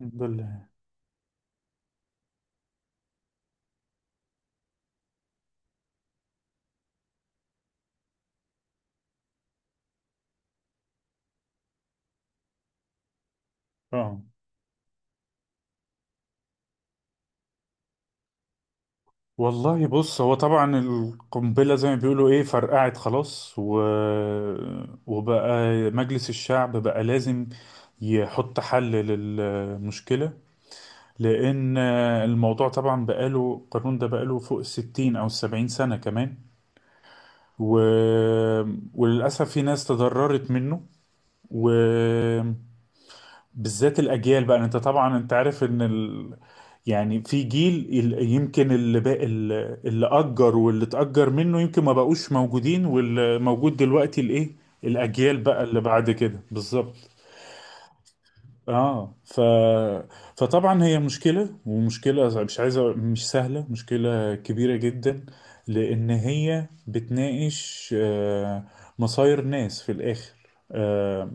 الحمد لله. اه. والله، بص، هو طبعا القنبلة زي ما بيقولوا ايه فرقعت خلاص وبقى مجلس الشعب بقى لازم يحط حل للمشكلة، لأن الموضوع طبعا بقاله، القانون ده بقاله فوق 60 أو 70 سنة كمان و... وللأسف في ناس تضررت منه و... بالذات الاجيال. بقى انت طبعا، انت عارف ان يعني في جيل يمكن اللي بقى اللي اجر واللي اتاجر منه يمكن ما بقوش موجودين، واللي موجود دلوقتي الايه، الاجيال بقى اللي بعد كده بالظبط. اه فطبعا هي مشكلة، ومشكلة مش عايزة، مش سهلة، مشكلة كبيرة جدا، لأن هي بتناقش مصاير ناس في الآخر. آه،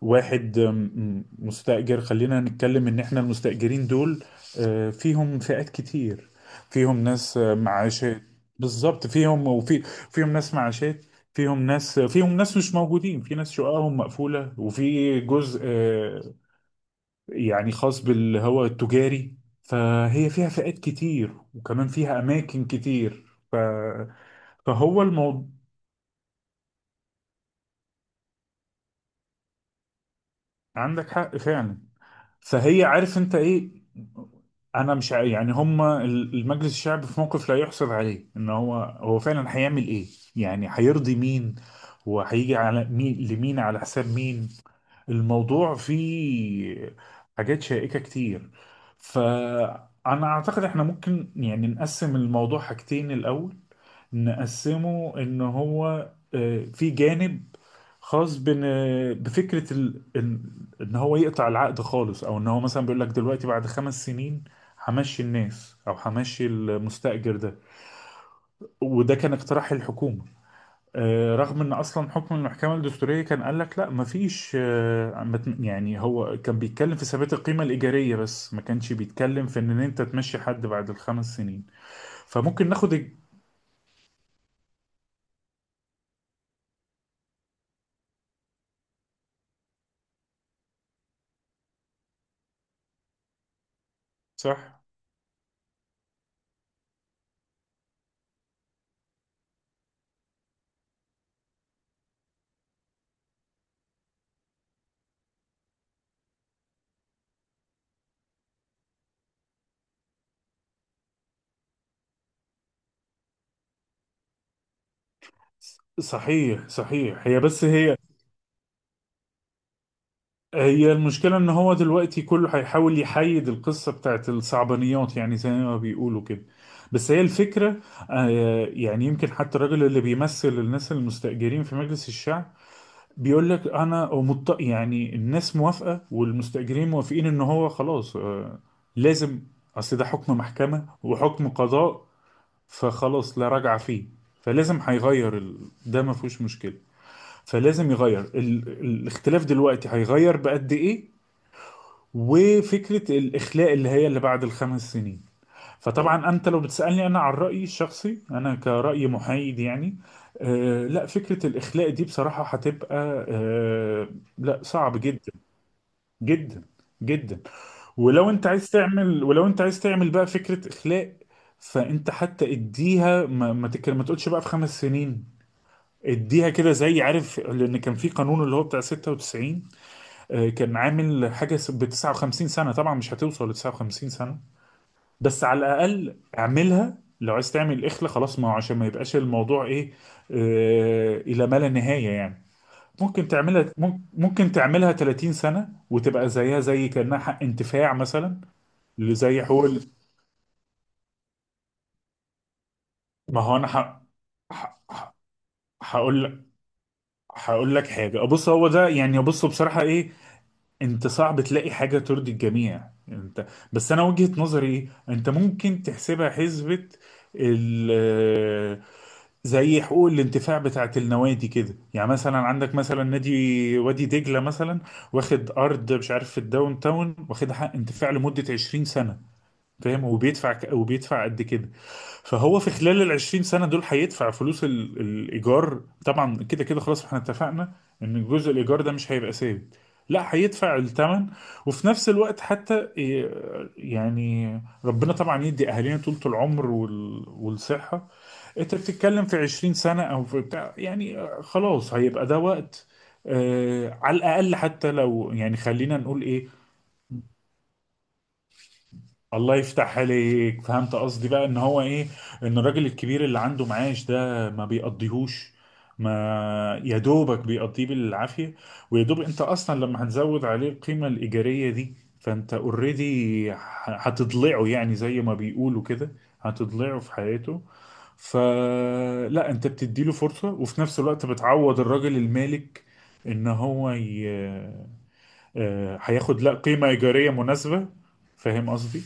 واحد مستأجر، خلينا نتكلم إن إحنا المستأجرين دول فيهم فئات كتير، فيهم ناس معاشات، بالظبط، فيهم فيهم ناس معاشات، فيهم ناس مش موجودين، في ناس شققهم مقفولة، وفي جزء يعني خاص بالهواء التجاري. فهي فيها فئات كتير وكمان فيها أماكن كتير. ف... فهو الموضوع، عندك حق فعلا. فهي، عارف انت ايه، انا مش ع- يعني هما المجلس الشعبي في موقف لا يحسب عليه ان هو فعلا هيعمل ايه، يعني هيرضي مين، وهيجي على مين، على حساب مين؟ الموضوع فيه حاجات شائكة كتير. فأنا أعتقد إحنا ممكن يعني نقسم الموضوع حاجتين، الأول نقسمه إن هو في جانب خاص بفكرة إن هو يقطع العقد خالص، أو إن هو مثلا بيقول لك دلوقتي بعد 5 سنين همشي الناس، أو همشي المستأجر ده. وده كان اقتراح الحكومة، رغم ان اصلا حكم المحكمه الدستوريه كان قال لك لا مفيش، آه، ما ت- يعني هو كان بيتكلم في ثبات القيمه الايجاريه، بس ما كانش بيتكلم في ان انت تمشي حد بعد 5 سنين. فممكن ناخد صح. صحيح صحيح. هي بس هي هي المشكله ان هو دلوقتي كله هيحاول يحيد القصه بتاعت الصعبانيات، يعني زي ما بيقولوا كده، بس هي الفكره. يعني يمكن حتى الراجل اللي بيمثل الناس المستأجرين في مجلس الشعب بيقول لك انا يعني الناس موافقه والمستاجرين موافقين ان هو خلاص لازم، اصل ده حكم محكمه وحكم قضاء، فخلاص لا رجعه فيه. فلازم هيغير ده ما فيهوش مشكله. فلازم يغير الاختلاف دلوقتي هيغير بقد ايه، وفكره الاخلاء اللي هي اللي بعد 5 سنين. فطبعا انت لو بتسالني انا عن رايي الشخصي، انا كراي محايد يعني، آه، لا، فكره الاخلاء دي بصراحه هتبقى آه، لا، صعب جدا، جدا، جدا. ولو انت عايز تعمل، بقى فكره اخلاء، فانت حتى اديها ما تقولش بقى في 5 سنين، اديها كده زي عارف. لان كان في قانون اللي هو بتاع 96، كان عامل حاجه ب 59 سنه، طبعا مش هتوصل ل 59، بس على الاقل اعملها. لو عايز تعمل اخلة خلاص، ما هو عشان ما يبقاش الموضوع ايه، الى ما لا نهاية يعني. ممكن تعملها ممكن تعملها 30 سنة وتبقى زيها زي كأنها حق انتفاع مثلا، اللي زي حقوق. ما هو انا ح- ح- هقول لك، هقول لك حاجة. بص هو ده يعني، بص بصراحة ايه، انت صعب تلاقي حاجة ترضي الجميع، انت بس انا وجهة نظري ايه، انت ممكن تحسبها حسبة ال زي حقوق الانتفاع بتاعت النوادي كده. يعني مثلا عندك مثلا نادي وادي دجلة مثلا، واخد أرض مش عارف في الداون تاون، واخد حق انتفاع لمدة 20 سنة، فاهم؟ وبيدفع وبيدفع قد كده. فهو في خلال ال 20 سنه دول هيدفع فلوس الايجار. طبعا كده كده خلاص، احنا اتفقنا ان جزء الايجار ده مش هيبقى ثابت، لا هيدفع الثمن. وفي نفس الوقت حتى إيه، يعني ربنا طبعا يدي اهالينا طولة العمر والصحه. انت بتتكلم في 20 سنة او في بتاع، يعني خلاص هيبقى ده وقت، على الاقل حتى، لو يعني خلينا نقول ايه، الله يفتح عليك. فهمت قصدي بقى ان هو ايه، ان الراجل الكبير اللي عنده معاش ده ما بيقضيهوش، ما يا دوبك بيقضيه بالعافية. ويا دوب انت اصلا لما هتزود عليه القيمة الإيجارية دي، فانت اوريدي هتضلعه، يعني زي ما بيقولوا كده، هتضلعه في حياته. فلا، انت بتديله فرصة، وفي نفس الوقت بتعوض الراجل المالك ان هو ي... آه، هياخد لا قيمة إيجارية مناسبة. فاهم قصدي؟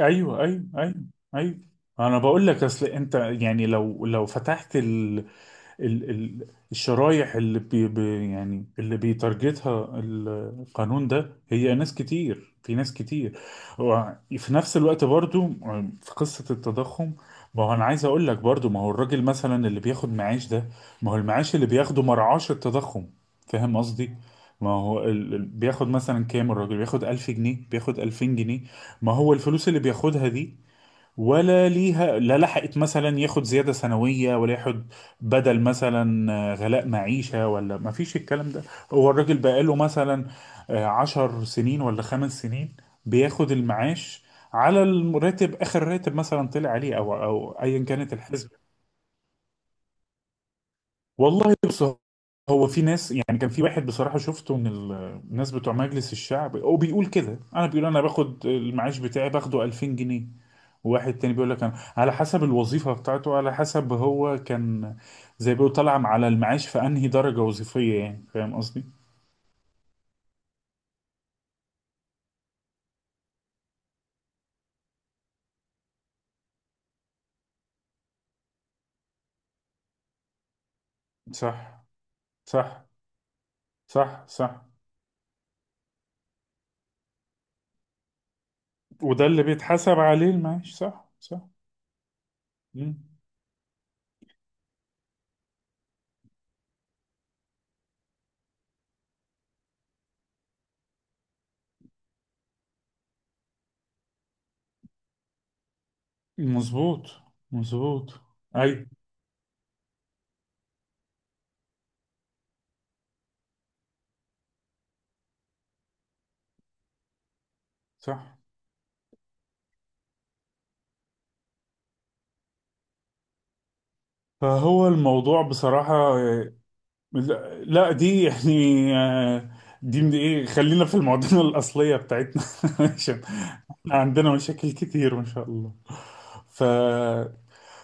ايوه، ايوه، ايوه، ايوه. انا بقول لك اصل انت، يعني لو فتحت ال- ال- الشرايح اللي يعني اللي بيتارجتها القانون ده، هي ناس كتير، في ناس كتير. وفي نفس الوقت برضو في قصة التضخم، ما هو انا عايز اقول لك برضو، ما هو الراجل مثلا اللي بياخد معاش ده، ما هو المعاش اللي بياخده مرعاش التضخم، فاهم قصدي؟ ما هو بياخد مثلا كام الراجل، بياخد 1000 جنيه، بياخد 2000 جنيه. ما هو الفلوس اللي بياخدها دي، ولا ليها، لا، لحقت مثلا ياخد زيادة سنوية، ولا ياخد بدل مثلا غلاء معيشة، ولا ما فيش الكلام ده. هو الراجل بقاله مثلا 10 سنين ولا 5 سنين بياخد المعاش على الراتب، آخر راتب مثلا طلع عليه، أو أيا كانت الحسبة. والله بص، هو في ناس، يعني كان في واحد بصراحة شفته من الناس بتوع مجلس الشعب وبيقول كده، أنا بيقول، أنا باخد المعاش بتاعي باخده 2000 جنيه. واحد تاني بيقول لك انا على حسب الوظيفه بتاعته، على حسب هو كان زي، بيقول طالع على المعاش في انهي درجه وظيفيه، يعني فاهم قصدي؟ صح، صح، صح، صح. وده اللي بيتحسب عليه المعاش. صح، صح. مم. مظبوط، مظبوط. اي، صح. فهو الموضوع بصراحه لا، لا، دي يعني آه، دي من ايه، خلينا في المعضله الاصليه بتاعتنا عشان عندنا مشاكل كتير ما شاء الله. ف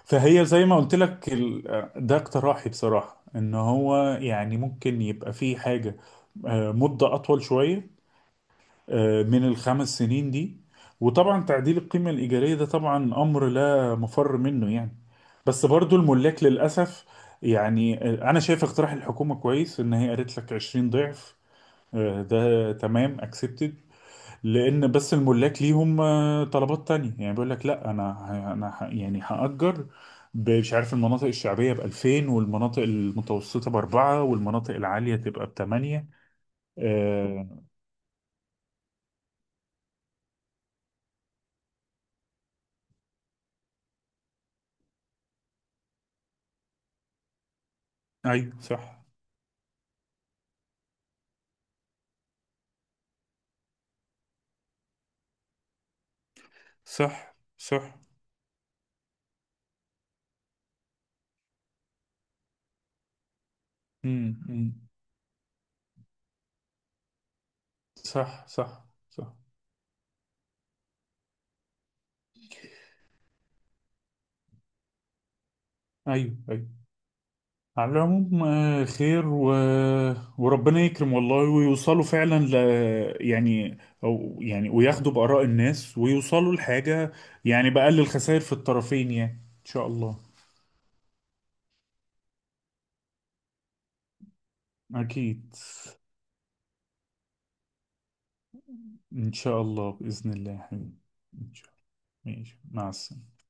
فهي زي ما قلت لك ده اقتراحي بصراحة، ان هو يعني ممكن يبقى فيه حاجة مدة اطول شوية من 5 سنين دي. وطبعا تعديل القيمة الإيجارية ده طبعا امر لا مفر منه يعني، بس برضو الملاك للأسف. يعني انا شايف اقتراح الحكومة كويس، ان هي قالت لك 20 ضعف، ده تمام accepted، لان بس الملاك ليهم طلبات تانية، يعني بيقول لك لا، انا انا يعني هأجر مش عارف، المناطق الشعبية ب 2000، والمناطق المتوسطة بأربعة، والمناطق العالية تبقى بثمانية. آه أيوة، صح، صح، صح. امم، صح، صح، صح. أيوة، أيوة. على العموم خير وربنا يكرم والله، ويوصلوا فعلا يعني، او يعني وياخدوا بآراء الناس ويوصلوا لحاجة، يعني بأقل الخسائر في الطرفين يعني. ان شاء الله. اكيد. ان شاء الله، بإذن الله يا حبيبي. ان شاء الله، ماشي، مع السلامة.